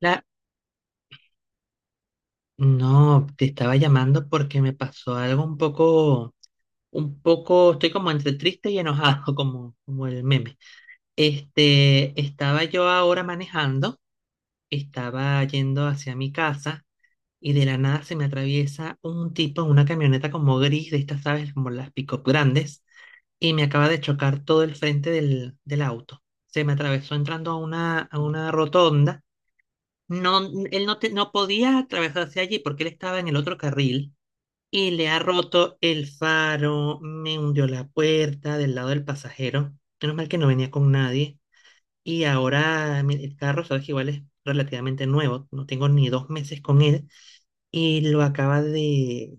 La- No, te estaba llamando porque me pasó algo un poco, estoy como entre triste y enojado, como, como el meme. Estaba yo ahora manejando, estaba yendo hacia mi casa y de la nada se me atraviesa un tipo en una camioneta como gris, de estas, ¿sabes? Como las pick-up grandes, y me acaba de chocar todo el frente del auto. Se me atravesó entrando a una rotonda. No, él no, no podía atravesarse allí porque él estaba en el otro carril y le ha roto el faro, me hundió la puerta del lado del pasajero. Menos mal que no venía con nadie. Y ahora el carro, sabes que igual es relativamente nuevo, no tengo ni dos meses con él y lo acaba de...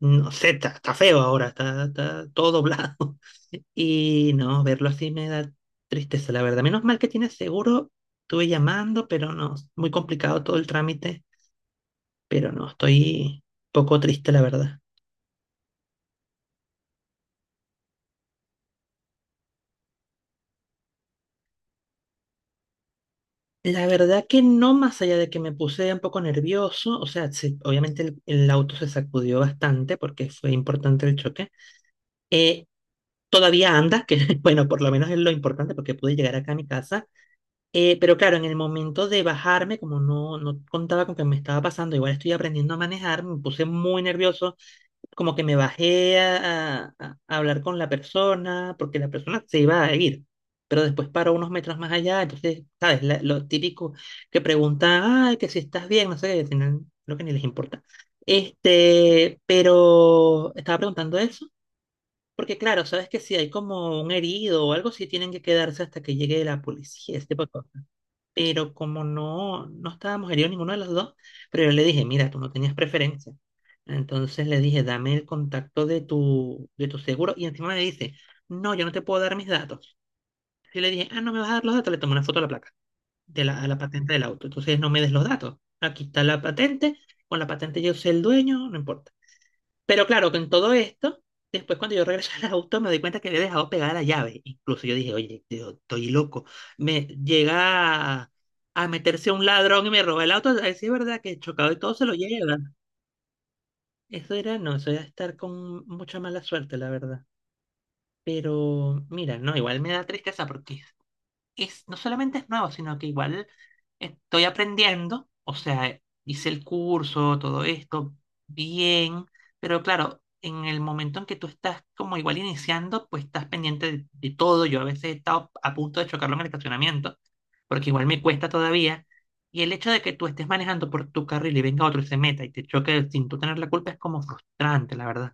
No sé, está, está feo ahora, está, está todo doblado. Y no, verlo así me da tristeza, la verdad. Menos mal que tiene seguro. Estuve llamando, pero no, muy complicado todo el trámite, pero no, estoy poco triste, la verdad. La verdad que no, más allá de que me puse un poco nervioso, o sea, obviamente el auto se sacudió bastante porque fue importante el choque. Eh, todavía anda, que bueno, por lo menos es lo importante porque pude llegar acá a mi casa. Pero claro, en el momento de bajarme, como no, no contaba con que me estaba pasando, igual estoy aprendiendo a manejar, me puse muy nervioso, como que me bajé a hablar con la persona, porque la persona se iba a ir, pero después paró unos metros más allá, entonces, ¿sabes? Lo típico que pregunta, ay, que si estás bien, no sé, al final creo que ni les importa. Pero estaba preguntando eso, porque claro, sabes que si hay como un herido o algo, sí tienen que quedarse hasta que llegue la policía, este poco, pero como no, no estábamos heridos ninguno de los dos, pero yo le dije, mira, tú no tenías preferencia. Entonces le dije, dame el contacto de tu seguro. Y encima me dice, no, yo no te puedo dar mis datos. Y le dije, ah, no me vas a dar los datos. Le tomé una foto a la placa, de a la patente del auto. Entonces no me des los datos. Aquí está la patente. Con la patente yo soy el dueño, no importa. Pero claro, con todo esto, después cuando yo regresé al auto me doy cuenta que había dejado pegada la llave. Incluso yo dije, oye, yo estoy loco. Me llega a, meterse un ladrón y me roba el auto. A ver si es verdad que chocado y todo se lo lleva. Eso era, no, eso era estar con mucha mala suerte, la verdad. Pero mira, no, igual me da tristeza porque es, no solamente es nuevo, sino que igual estoy aprendiendo, o sea, hice el curso, todo esto, bien, pero claro, en el momento en que tú estás como igual iniciando, pues estás pendiente de todo. Yo a veces he estado a punto de chocarlo en el estacionamiento, porque igual me cuesta todavía. Y el hecho de que tú estés manejando por tu carril y venga otro y se meta y te choque sin tú tener la culpa es como frustrante, la verdad.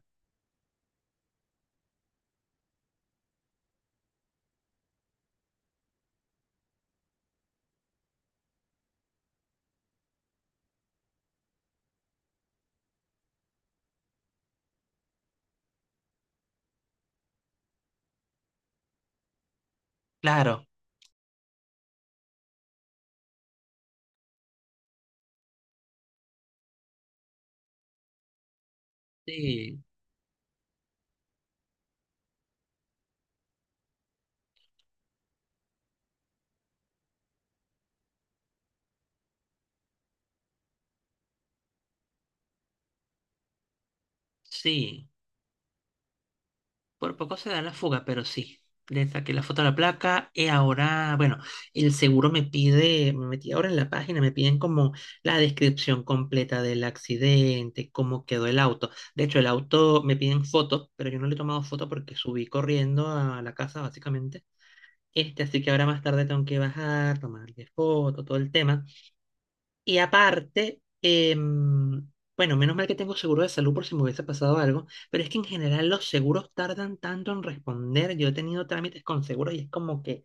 Claro, sí, sí. Por poco se da la fuga, pero sí. Le saqué la foto a la placa y ahora, bueno, el seguro me pide, me metí ahora en la página, me piden como la descripción completa del accidente, cómo quedó el auto. De hecho, el auto me piden fotos, pero yo no le he tomado foto porque subí corriendo a la casa, básicamente. Así que ahora más tarde tengo que bajar, tomarle foto, todo el tema. Y aparte, bueno, menos mal que tengo seguro de salud por si me hubiese pasado algo, pero es que en general los seguros tardan tanto en responder. Yo he tenido trámites con seguros y es como que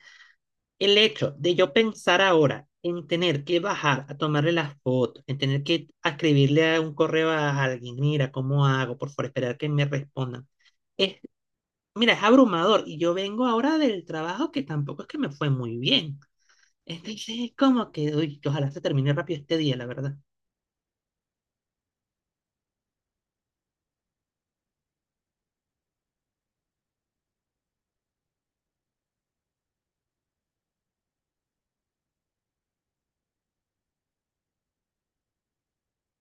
el hecho de yo pensar ahora en tener que bajar a tomarle las fotos, en tener que a escribirle a un correo a alguien, mira, ¿cómo hago? Por favor, esperar que me respondan. Es, mira, es abrumador y yo vengo ahora del trabajo que tampoco es que me fue muy bien. Entonces es como que, uy, que ojalá se termine rápido este día, la verdad.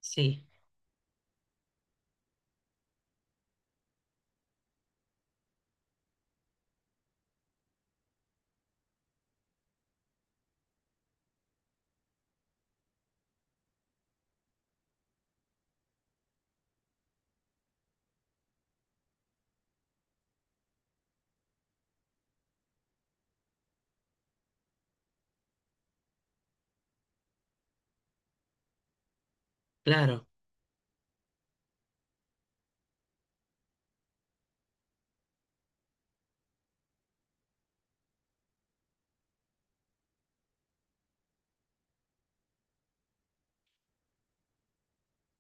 Sí. Claro,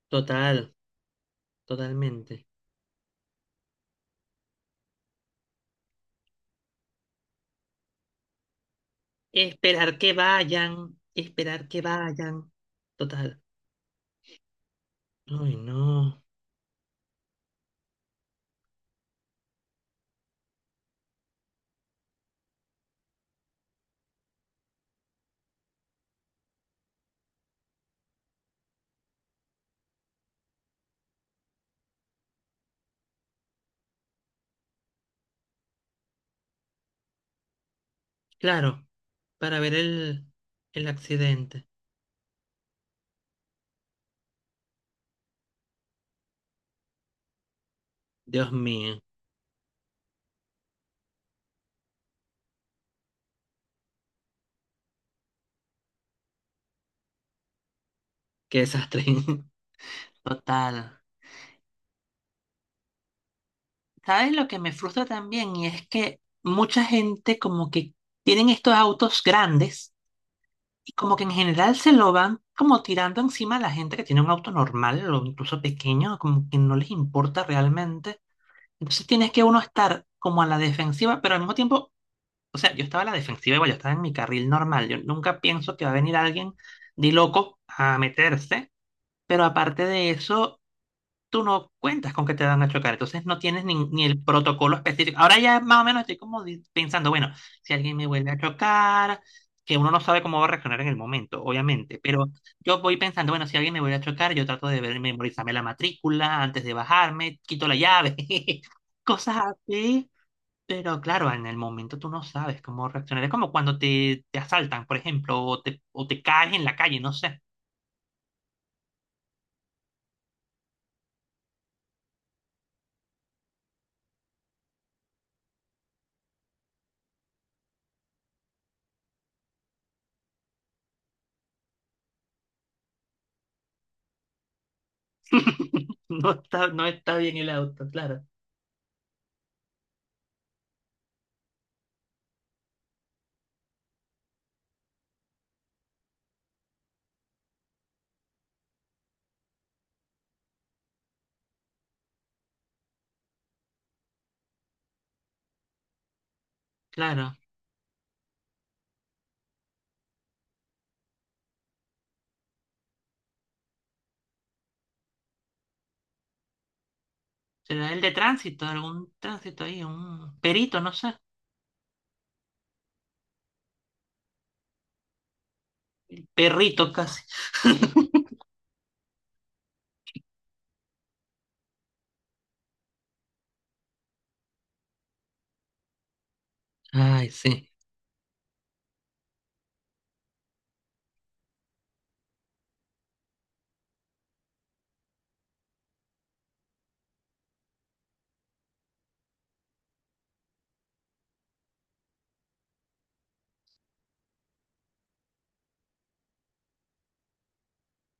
total, totalmente. Esperar que vayan, total. Ay no. Claro, para ver el accidente. Dios mío, qué desastre. Total. ¿Sabes lo que me frustra también? Y es que mucha gente como que tienen estos autos grandes y como que en general se lo van como tirando encima a la gente que tiene un auto normal o incluso pequeño, como que no les importa realmente. Entonces tienes que uno estar como a la defensiva, pero al mismo tiempo, o sea, yo estaba a la defensiva igual, yo estaba en mi carril normal. Yo nunca pienso que va a venir alguien de loco a meterse, pero aparte de eso, tú no cuentas con que te van a chocar, entonces no tienes ni, ni el protocolo específico. Ahora ya más o menos estoy como pensando, bueno, si alguien me vuelve a chocar, que uno no sabe cómo va a reaccionar en el momento, obviamente, pero yo voy pensando, bueno, si alguien me vuelve a chocar, yo trato de memorizarme la matrícula antes de bajarme, quito la llave, cosas así. Pero claro, en el momento tú no sabes cómo reaccionar. Es como cuando te asaltan, por ejemplo, o te caes en la calle, no sé. No está, no está bien el auto, claro. Claro. Será el de tránsito, algún tránsito ahí, un perito, no sé. Perrito casi. Ay, sí,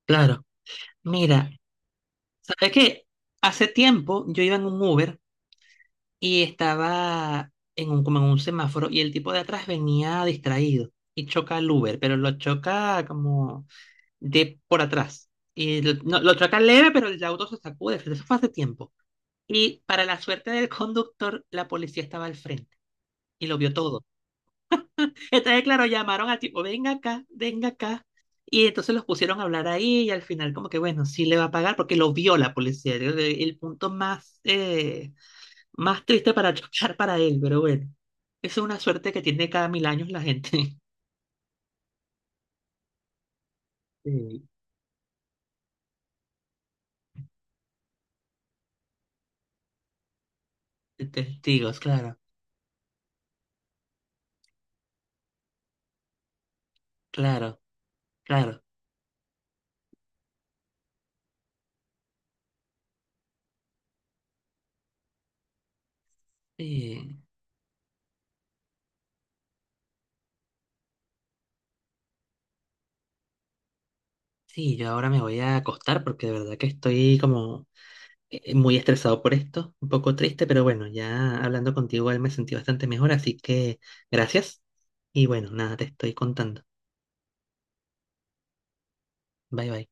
claro. Mira, ¿sabes qué? Hace tiempo yo iba en un Uber y estaba en un, como en un semáforo y el tipo de atrás venía distraído y choca el Uber, pero lo choca como de por atrás. Y lo, no, lo choca leve, pero el auto se sacude. Eso fue hace tiempo. Y para la suerte del conductor, la policía estaba al frente y lo vio todo. Entonces, claro, llamaron a tipo, venga acá, venga acá. Y entonces los pusieron a hablar ahí y al final como que, bueno, sí le va a pagar porque lo vio la policía. El punto más, más triste para chocar para él, pero bueno, eso es una suerte que tiene cada 1000 años la gente. Sí. De testigos, claro, claro, claro. Sí, sí, yo ahora me voy a acostar porque de verdad que estoy como muy estresado por esto, un poco triste, pero bueno, ya hablando contigo él me sentí bastante mejor, así que gracias. Y bueno, nada, te estoy contando. Bye bye.